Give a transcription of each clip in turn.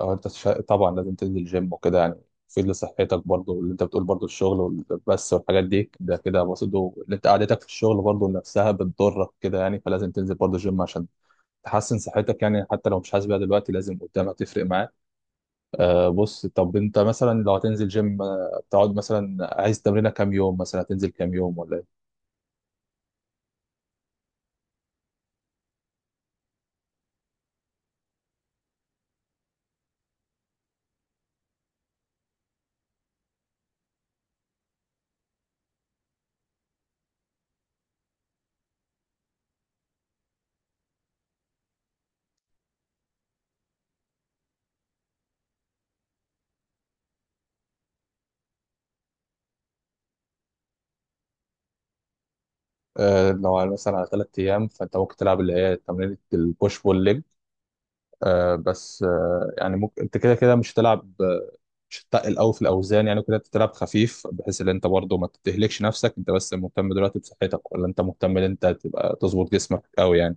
طبعا لازم تنزل جيم وكده، يعني تفيد لصحتك برضه. واللي انت بتقول برضه الشغل والبس والحاجات دي، ده كده برضه اللي انت قعدتك في الشغل برضه نفسها بتضرك كده يعني، فلازم تنزل برضه جيم عشان تحسن صحتك يعني، حتى لو مش حاسس بيها دلوقتي لازم قدام هتفرق معاك. آه بص، طب انت مثلا لو هتنزل جيم، تقعد مثلا عايز تمرينه كام يوم، مثلا هتنزل كام يوم ولا ايه؟ آه، مثلا على 3 ايام، فانت ممكن تلعب اللي هي تمرينه البوش بول ليج. آه بس آه، يعني ممكن انت كده كده مش هتلعب، مش تتقل قوي في الاوزان يعني، كده تلعب خفيف بحيث ان انت برضه ما تتهلكش نفسك. انت بس مهتم دلوقتي بصحتك ولا انت مهتم ان انت تبقى تظبط جسمك قوي يعني؟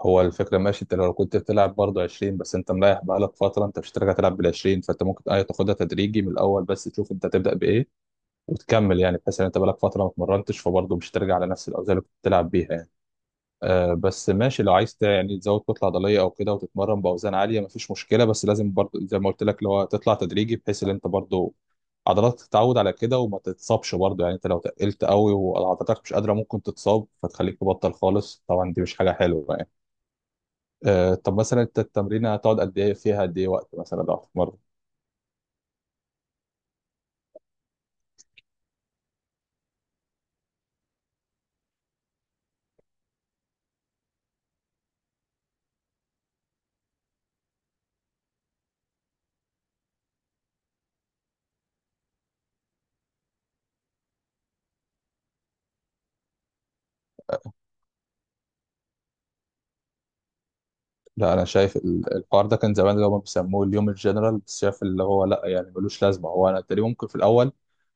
هو الفكره ماشي، انت لو كنت بتلعب برضه 20 بس، انت مريح بقالك فتره، انت مش هترجع تلعب بال 20. فانت ممكن ايه تاخدها تدريجي من الاول، بس تشوف انت تبدا بايه وتكمل يعني، بحيث ان انت بقالك فتره ما اتمرنتش فبرضه مش هترجع على نفس الاوزان اللي كنت بتلعب بيها يعني. آه بس ماشي، لو عايز يعني تزود كتله عضليه او كده وتتمرن باوزان عاليه، مفيش مشكله، بس لازم برضه زي ما قلت لك اللي هو تطلع تدريجي، بحيث ان انت برضه عضلاتك تتعود على كده وما تتصابش برضه يعني. انت لو تقلت قوي وعضلاتك مش قادره، ممكن تتصاب فتخليك تبطل خالص، طبعا دي مش حاجه حلوه يعني. آه طب مثلا انت التمرين هتقعد قد ايه فيها، قد ايه وقت مثلا لو هتتمرن؟ لا انا شايف الحوار ده كان زمان، اللي هم بيسموه اليوم الجنرال، بس شايف اللي هو لا يعني ملوش لازمه. هو انا تقريبا ممكن في الاول،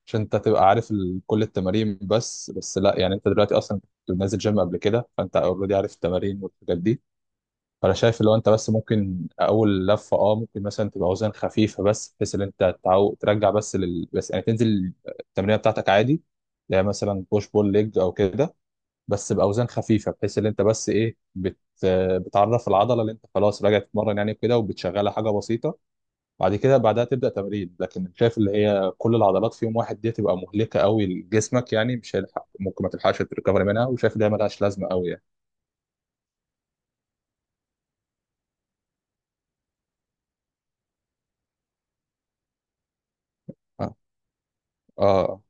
عشان انت تبقى عارف كل التمارين، بس بس لا يعني، انت دلوقتي اصلا كنت نازل جيم قبل كده، فانت اوريدي عارف التمارين والحاجات دي. فانا شايف اللي هو انت بس ممكن اول لفه اه، ممكن مثلا تبقى اوزان خفيفه بس، بحيث ان انت ترجع بس يعني تنزل التمرينه بتاعتك عادي، اللي هي مثلا بوش بول ليج او كده، بس باوزان خفيفه، بحيث ان انت بس ايه بتعرف العضله اللي انت خلاص راجع تتمرن يعني كده، وبتشغلها حاجه بسيطه. بعد كده بعدها تبدا تمرين، لكن شايف اللي هي كل العضلات في يوم واحد دي تبقى مهلكه قوي لجسمك يعني، مش هيلحق، ممكن ما تلحقش تريكفري منها، وشايف ده ملهاش لازمه قوي يعني. اه آه.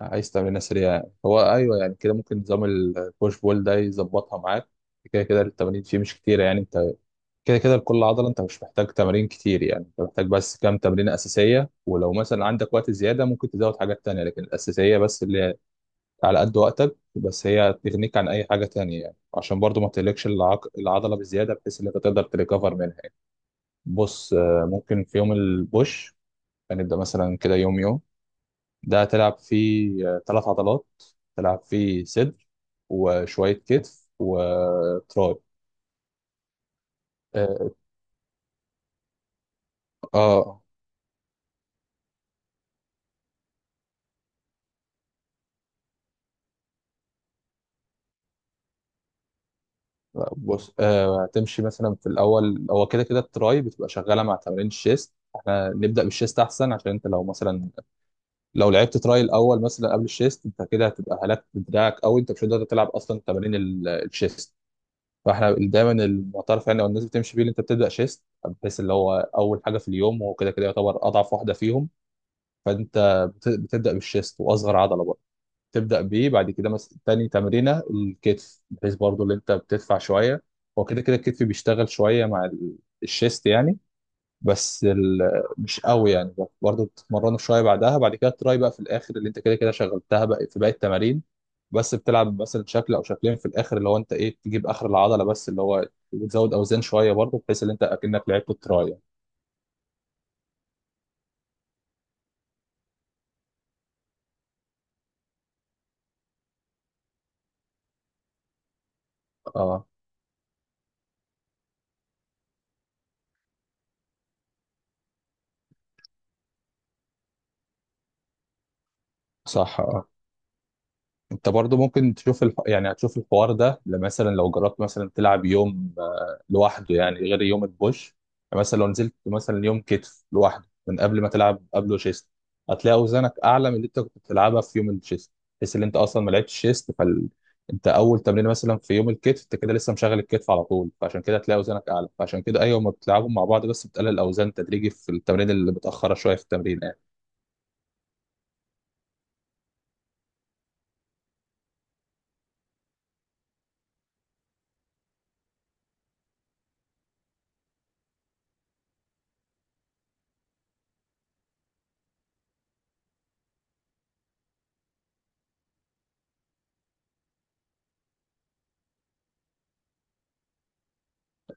عايز تعملها سريع؟ هو ايوه يعني كده، ممكن نظام البوش بول ده يظبطها معاك. كده كده التمارين فيه مش كتيره يعني، انت كده كده لكل عضله انت مش محتاج تمارين كتير يعني، انت محتاج بس كام تمرينه اساسيه، ولو مثلا عندك وقت زياده ممكن تزود حاجات تانية، لكن الاساسيه بس اللي هي على قد وقتك، بس هي تغنيك عن اي حاجه تانية يعني، عشان برضو ما تهلكش العضله بزياده، بحيث ان انت تقدر تريكفر منها يعني. بص آه، ممكن في يوم البوش هنبدا مثلا كده، يوم يوم ده هتلعب فيه آه، 3 عضلات. تلعب فيه صدر وشوية كتف وتراي. اه آه، بص آه، هتمشي مثلا في الأول، هو كده كده التراي بتبقى شغالة مع تمارين الشيست، احنا نبدأ بالشيست أحسن، عشان انت لو مثلا لو لعبت تراي الأول مثلا قبل الشيست، انت كده هتبقى هلكت دراعك أوي، انت مش هتقدر تلعب أصلا تمارين الشيست. فاحنا دايما المعترف يعني او الناس بتمشي بيه، اللي انت بتبدأ شيست، بحيث اللي هو أول حاجة في اليوم، وهو كده كده يعتبر أضعف واحدة فيهم. فانت بتبدا بالشيست، واصغر عضله بقى تبدا بيه. بعد كده مثلا تاني تمرينه الكتف، بحيث برضو اللي انت بتدفع شويه، هو كده كده الكتف بيشتغل شويه مع الشيست يعني، بس مش قوي يعني، برضو بتتمرنه شويه. بعدها بعد كده تراي بقى في الاخر، اللي انت كده كده شغلتها بقى في باقي التمارين، بس بتلعب مثلا شكل او شكلين في الاخر، اللي هو انت ايه تجيب اخر العضله بس، اللي هو بتزود اوزان شويه برضو، بحيث ان انت اكنك لعبت التراي يعني. اه صح اه، انت برضو ممكن تشوف يعني هتشوف الحوار ده، لما مثلا لو جربت مثلا تلعب يوم آه، لوحده يعني غير يوم البوش. مثلا لو نزلت مثلا يوم كتف لوحده من قبل ما تلعب قبله شيست، هتلاقي اوزانك اعلى من اللي انت كنت بتلعبها في يوم الشيست، بحيث ان انت اصلا ما لعبتش شيست انت اول تمرين مثلا في يوم الكتف انت كده لسه مشغل الكتف على طول، فعشان كده هتلاقي اوزانك اعلى، فعشان كده ايوه ما بتلعبهم مع بعض، بس بتقلل الاوزان تدريجي في التمرين اللي متاخره شويه في التمرين.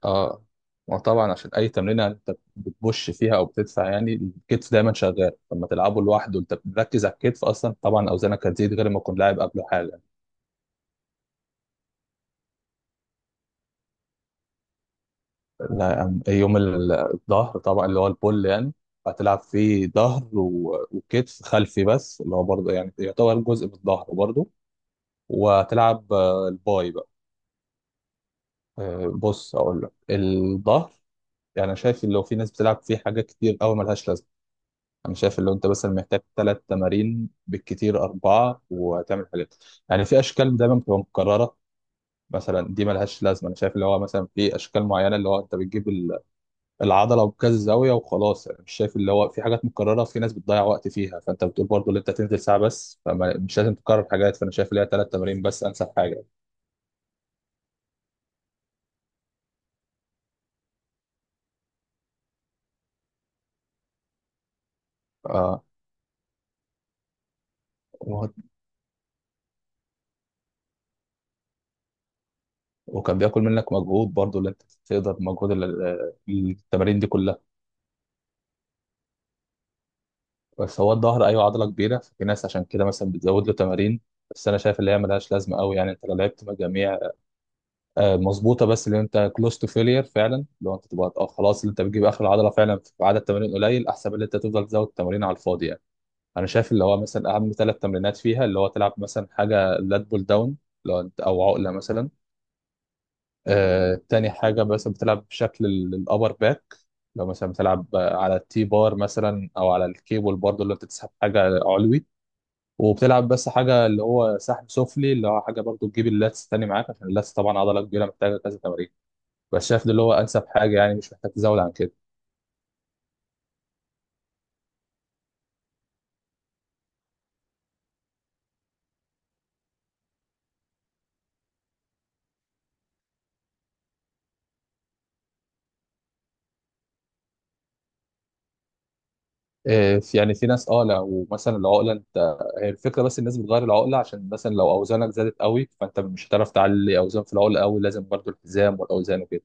اه، وطبعا عشان اي تمرينه انت بتبش فيها او بتدفع يعني، الكتف دايما شغال، لما تلعبه لوحده انت بتركز على الكتف اصلا، طبعا اوزانك هتزيد غير ما تكون لاعب قبله حاجه. لا الظهر طبعا اللي هو البول يعني، هتلعب فيه ظهر وكتف خلفي، بس اللي هو برضه يعني يعتبر جزء من الظهر برضه، وهتلعب آه، الباي بقى. آه بص، اقول لك الظهر، يعني أنا شايف لو في ناس بتلعب فيه حاجات كتير قوي ملهاش لازمه. انا شايف اللي انت مثلا محتاج 3 تمارين بالكتير اربعه، وهتعمل حاجات يعني في اشكال دايما بتبقى مكرره، مثلا دي ملهاش لازمه. انا شايف اللي هو مثلا في اشكال معينه، اللي هو انت بتجيب العضله بكذا زاويه وخلاص يعني، مش شايف اللي هو في حاجات مكرره، في ناس بتضيع وقت فيها، فانت بتقول برضو اللي انت تنزل ساعه بس، فمش لازم تكرر حاجات، فانا شايف اللي هي 3 تمارين بس انسب حاجه. آه، وه- وكان بياكل منك مجهود برضو، اللي انت تقدر مجهود التمارين دي كلها. بس هو الظهر ايوه عضله كبيره، ففي ناس عشان كده مثلا بتزود له تمارين، بس انا شايف اللي هي ملهاش لازمه قوي يعني. انت لو لعبت مجاميع آه، مظبوطه بس، اللي انت كلوز تو فيلير فعلا، لو انت تبقى آه، خلاص اللي انت بتجيب اخر العضله فعلا في عدد تمارين قليل، احسن من اللي انت تفضل تزود تمارين على الفاضي يعني. انا شايف اللي هو مثلا اهم 3 تمرينات فيها، اللي هو تلعب مثلا حاجه لات بول داون، لو انت او عقله مثلا. آه، تاني حاجه مثلا بتلعب بشكل الابر باك، لو مثلا بتلعب آه، على التي بار مثلا او على الكيبل برضه، اللي انت تسحب حاجه علوي. وبتلعب بس حاجه اللي هو سحب سفلي، اللي هو حاجه برضو تجيب اللاتس تاني معاك، عشان اللاتس طبعا عضله كبيره محتاجه كذا تمارين، بس شايف ده اللي هو انسب حاجه يعني، مش محتاج تزود عن كده. إيه، يعني في ناس اه لو مثلا العقله، انت هي الفكره، بس الناس بتغير العقله عشان مثلا لو اوزانك زادت قوي، فانت مش هتعرف تعلي اوزان في العقله قوي، لازم برضو الحزام والاوزان وكده،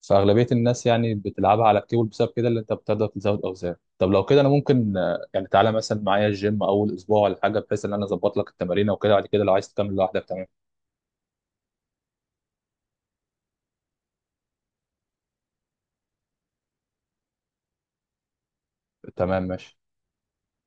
فاغلبيه الناس يعني بتلعبها على الكيبل بسبب كده، اللي انت بتقدر تزود اوزان. طب لو كده انا ممكن آه، يعني تعالى مثلا معايا الجيم اول اسبوع ولا حاجه، بحيث ان انا اظبط لك التمارين وكده، بعد كده لو عايز تكمل لوحدك تمام. تمام ماشي.